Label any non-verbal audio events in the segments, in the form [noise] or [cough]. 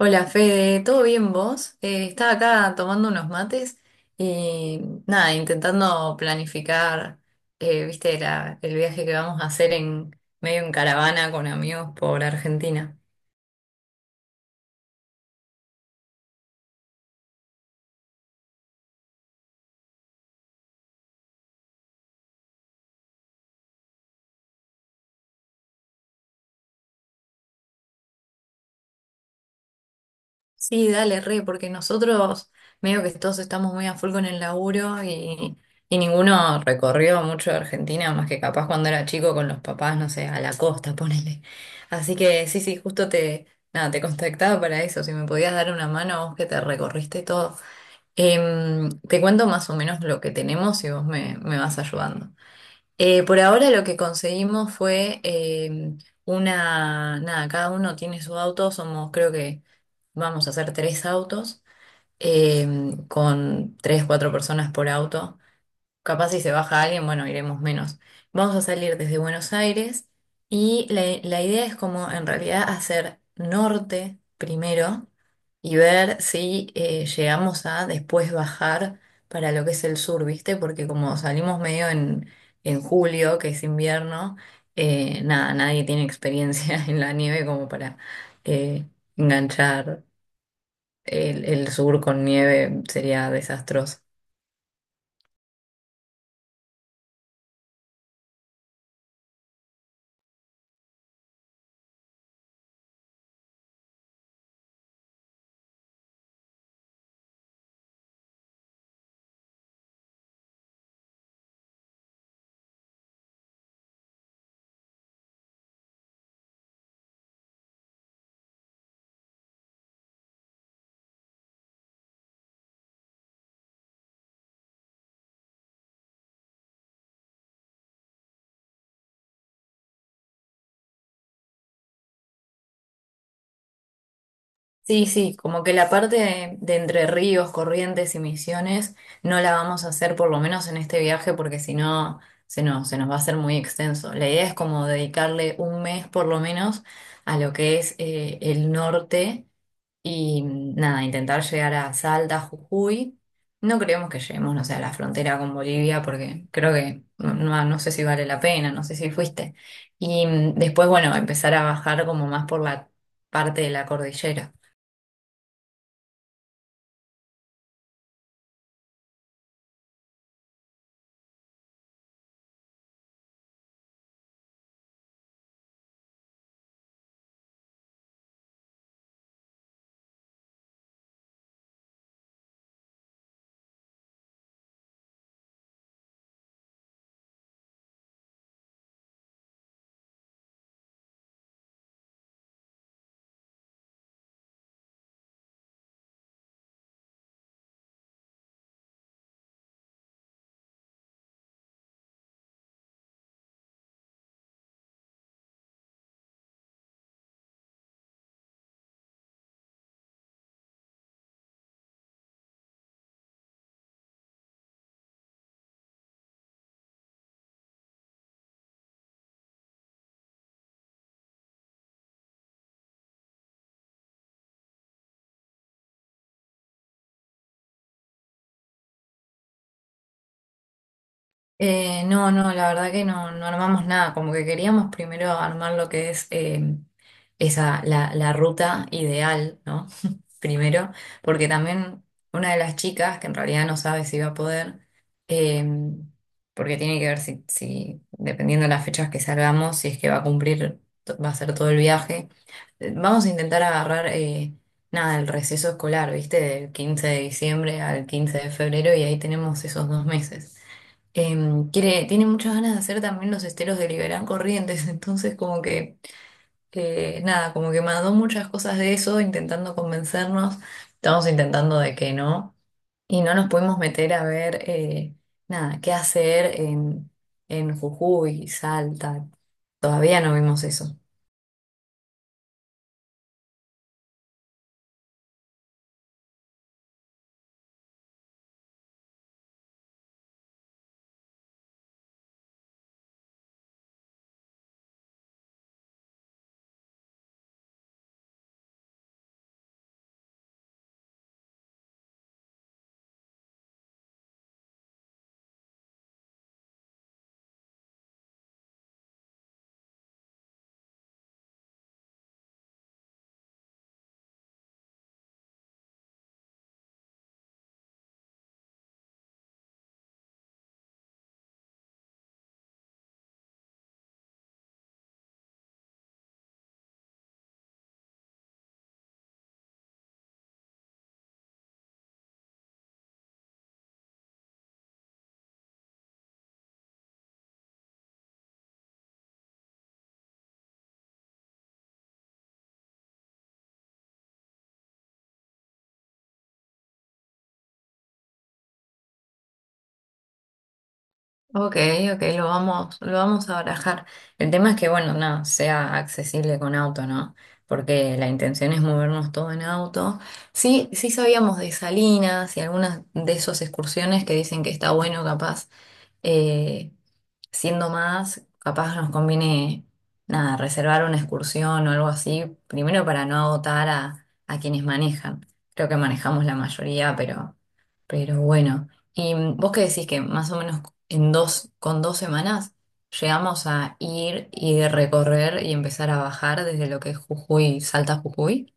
Hola Fede, ¿todo bien vos? Estaba acá tomando unos mates y nada, intentando planificar, viste, el viaje que vamos a hacer en medio en caravana con amigos por Argentina. Sí, dale, re, porque nosotros medio que todos estamos muy a full con el laburo y ninguno recorrió mucho de Argentina, más que capaz cuando era chico con los papás, no sé, a la costa, [laughs] ponele. Así que sí, sí, justo te contactaba para eso, si me podías dar una mano vos que te recorriste todo. Te cuento más o menos lo que tenemos y vos me vas ayudando. Por ahora lo que conseguimos fue una, nada, cada uno tiene su auto, somos creo que vamos a hacer tres autos eh, con tres, cuatro personas por auto. Capaz si se baja alguien, bueno, iremos menos. Vamos a salir desde Buenos Aires y la idea es como en realidad hacer norte primero y ver si llegamos a después bajar para lo que es el sur, ¿viste? Porque como salimos medio en julio, que es invierno, nada, nadie tiene experiencia [laughs] en la nieve como para eh, enganchar el sur con nieve, sería desastroso. Sí, sí, como que la parte de Entre Ríos, Corrientes y Misiones no la vamos a hacer por lo menos en este viaje porque si no se nos va a hacer muy extenso. La idea es como dedicarle un mes por lo menos a lo que es el norte y nada, intentar llegar a Salta, Jujuy. No creemos que lleguemos, no sé, a la frontera con Bolivia porque creo que no, no sé si vale la pena, no sé si fuiste. Y después, bueno, empezar a bajar como más por la parte de la cordillera. No, no, la verdad que no, no armamos nada, como que queríamos primero armar lo que es la ruta ideal, ¿no? [laughs] Primero, porque también una de las chicas, que en realidad no sabe si va a poder, eh, porque tiene que ver si, dependiendo de las fechas que salgamos, si es que va a cumplir, va a hacer todo el viaje. Vamos a intentar agarrar, nada, el receso escolar, ¿viste? Del 15 de diciembre al 15 de febrero y ahí tenemos esos 2 meses tiene muchas ganas de hacer también los esteros de Liberán Corrientes, [laughs] entonces como que, nada, como que mandó muchas cosas de eso, intentando convencernos, estamos intentando de que no, y no nos pudimos meter a ver, nada, qué hacer en Jujuy, Salta, todavía no vimos eso. Ok, ok, lo vamos a barajar. El tema es que, bueno, nada, sea accesible con auto, ¿no? Porque la intención es movernos todo en auto. Sí, sí sabíamos de Salinas y algunas de esas excursiones que dicen que está bueno, capaz. eh, Siendo más, capaz nos conviene, nada, reservar una excursión o algo así, primero para no agotar a quienes manejan. Creo que manejamos la mayoría, pero bueno. ¿Y vos qué decís que más o menos con 2 semanas llegamos a ir y recorrer y empezar a bajar desde lo que es Jujuy, Salta a Jujuy?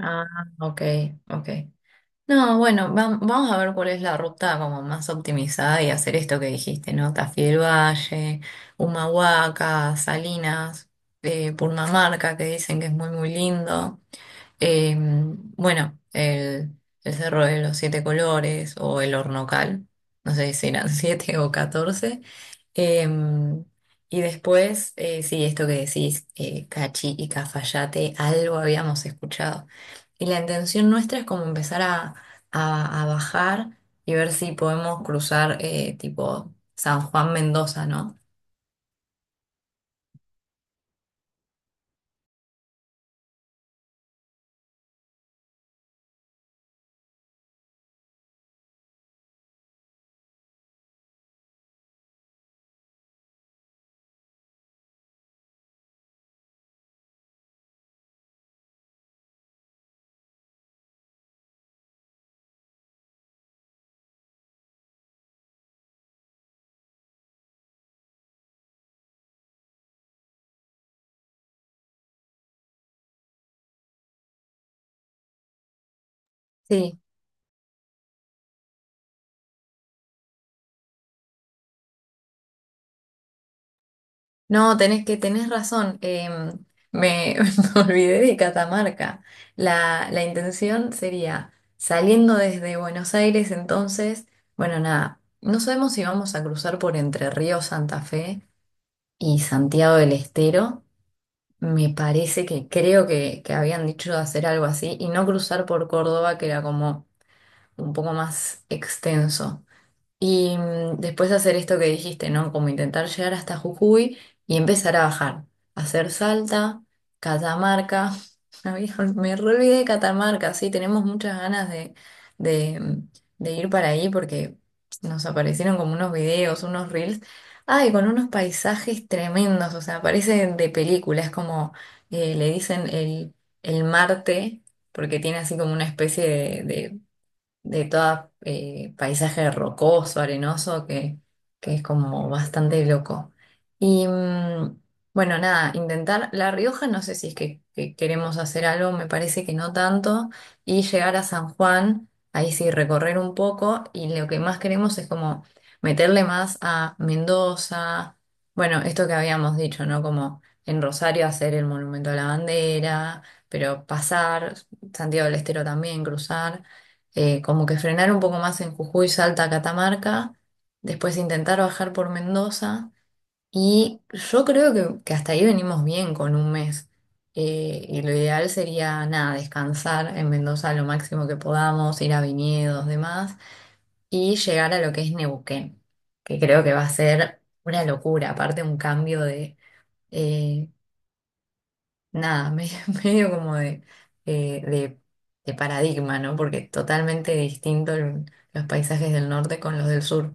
Ah, ok, ok. No, bueno, vamos a ver cuál es la ruta como más optimizada y hacer esto que dijiste, ¿no? Tafiel Valle, Humahuaca, Salinas, Purmamarca, que dicen que es muy, muy lindo. Eh, bueno, el, el Cerro de los Siete Colores o el Hornocal, no sé si eran [laughs] siete o 14. Em, y después, sí, esto que decís, Cachi y Cafayate, algo habíamos escuchado. Y la intención nuestra es como empezar a, a bajar y ver si podemos cruzar tipo San Juan Mendoza, ¿no? Sí. No, tenés razón. Me, [laughs] me olvidé de Catamarca. La intención sería saliendo desde Buenos Aires, entonces, bueno, nada, no sabemos si vamos a cruzar por Entre Ríos, Santa Fe y Santiago del Estero. Me parece que creo que habían dicho de hacer algo así y no cruzar por Córdoba, que era como un poco más extenso. Y después hacer esto que dijiste, ¿no? Como intentar llegar hasta Jujuy y empezar a bajar. Hacer Salta, Catamarca. [laughs] Ay, me re olvidé de Catamarca, sí, tenemos muchas ganas de, mm, de ir para ahí porque nos aparecieron como unos videos, unos reels. Ay, con unos paisajes tremendos, o sea, parecen de película, es como le dicen el Marte, porque tiene así como una especie de, de todo paisaje rocoso, arenoso, que es como bastante loco. Y bueno, nada, intentar La Rioja, no sé si es que queremos hacer algo, me parece que no tanto, y llegar a San Juan, ahí sí recorrer un poco, y lo que más queremos es como meterle más a Mendoza, bueno, esto que habíamos dicho, ¿no? Como en Rosario hacer el Monumento a la Bandera, pero pasar, Santiago del Estero también, cruzar como que frenar un poco más en Jujuy, Salta, Catamarca, después intentar bajar por Mendoza y yo creo que hasta ahí venimos bien con un mes. Y lo ideal sería, nada, descansar en Mendoza lo máximo que podamos, ir a viñedos, demás, y llegar a lo que es Neuquén, que creo que va a ser una locura, aparte un cambio de, eh, nada, [laughs] medio como eh, de, de paradigma, ¿no? Porque totalmente distinto los paisajes del norte con los del sur.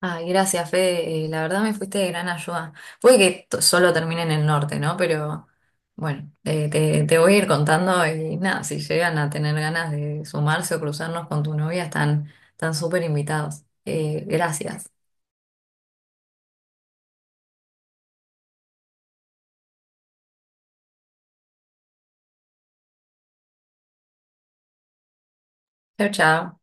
Ay, gracias, Fede. La verdad me fuiste de gran ayuda. Puede que solo termine en el norte, ¿no? Pero bueno, te voy a ir contando y nada, si llegan a tener ganas de sumarse o cruzarnos con tu novia, están súper invitados. Gracias. Chao, chao.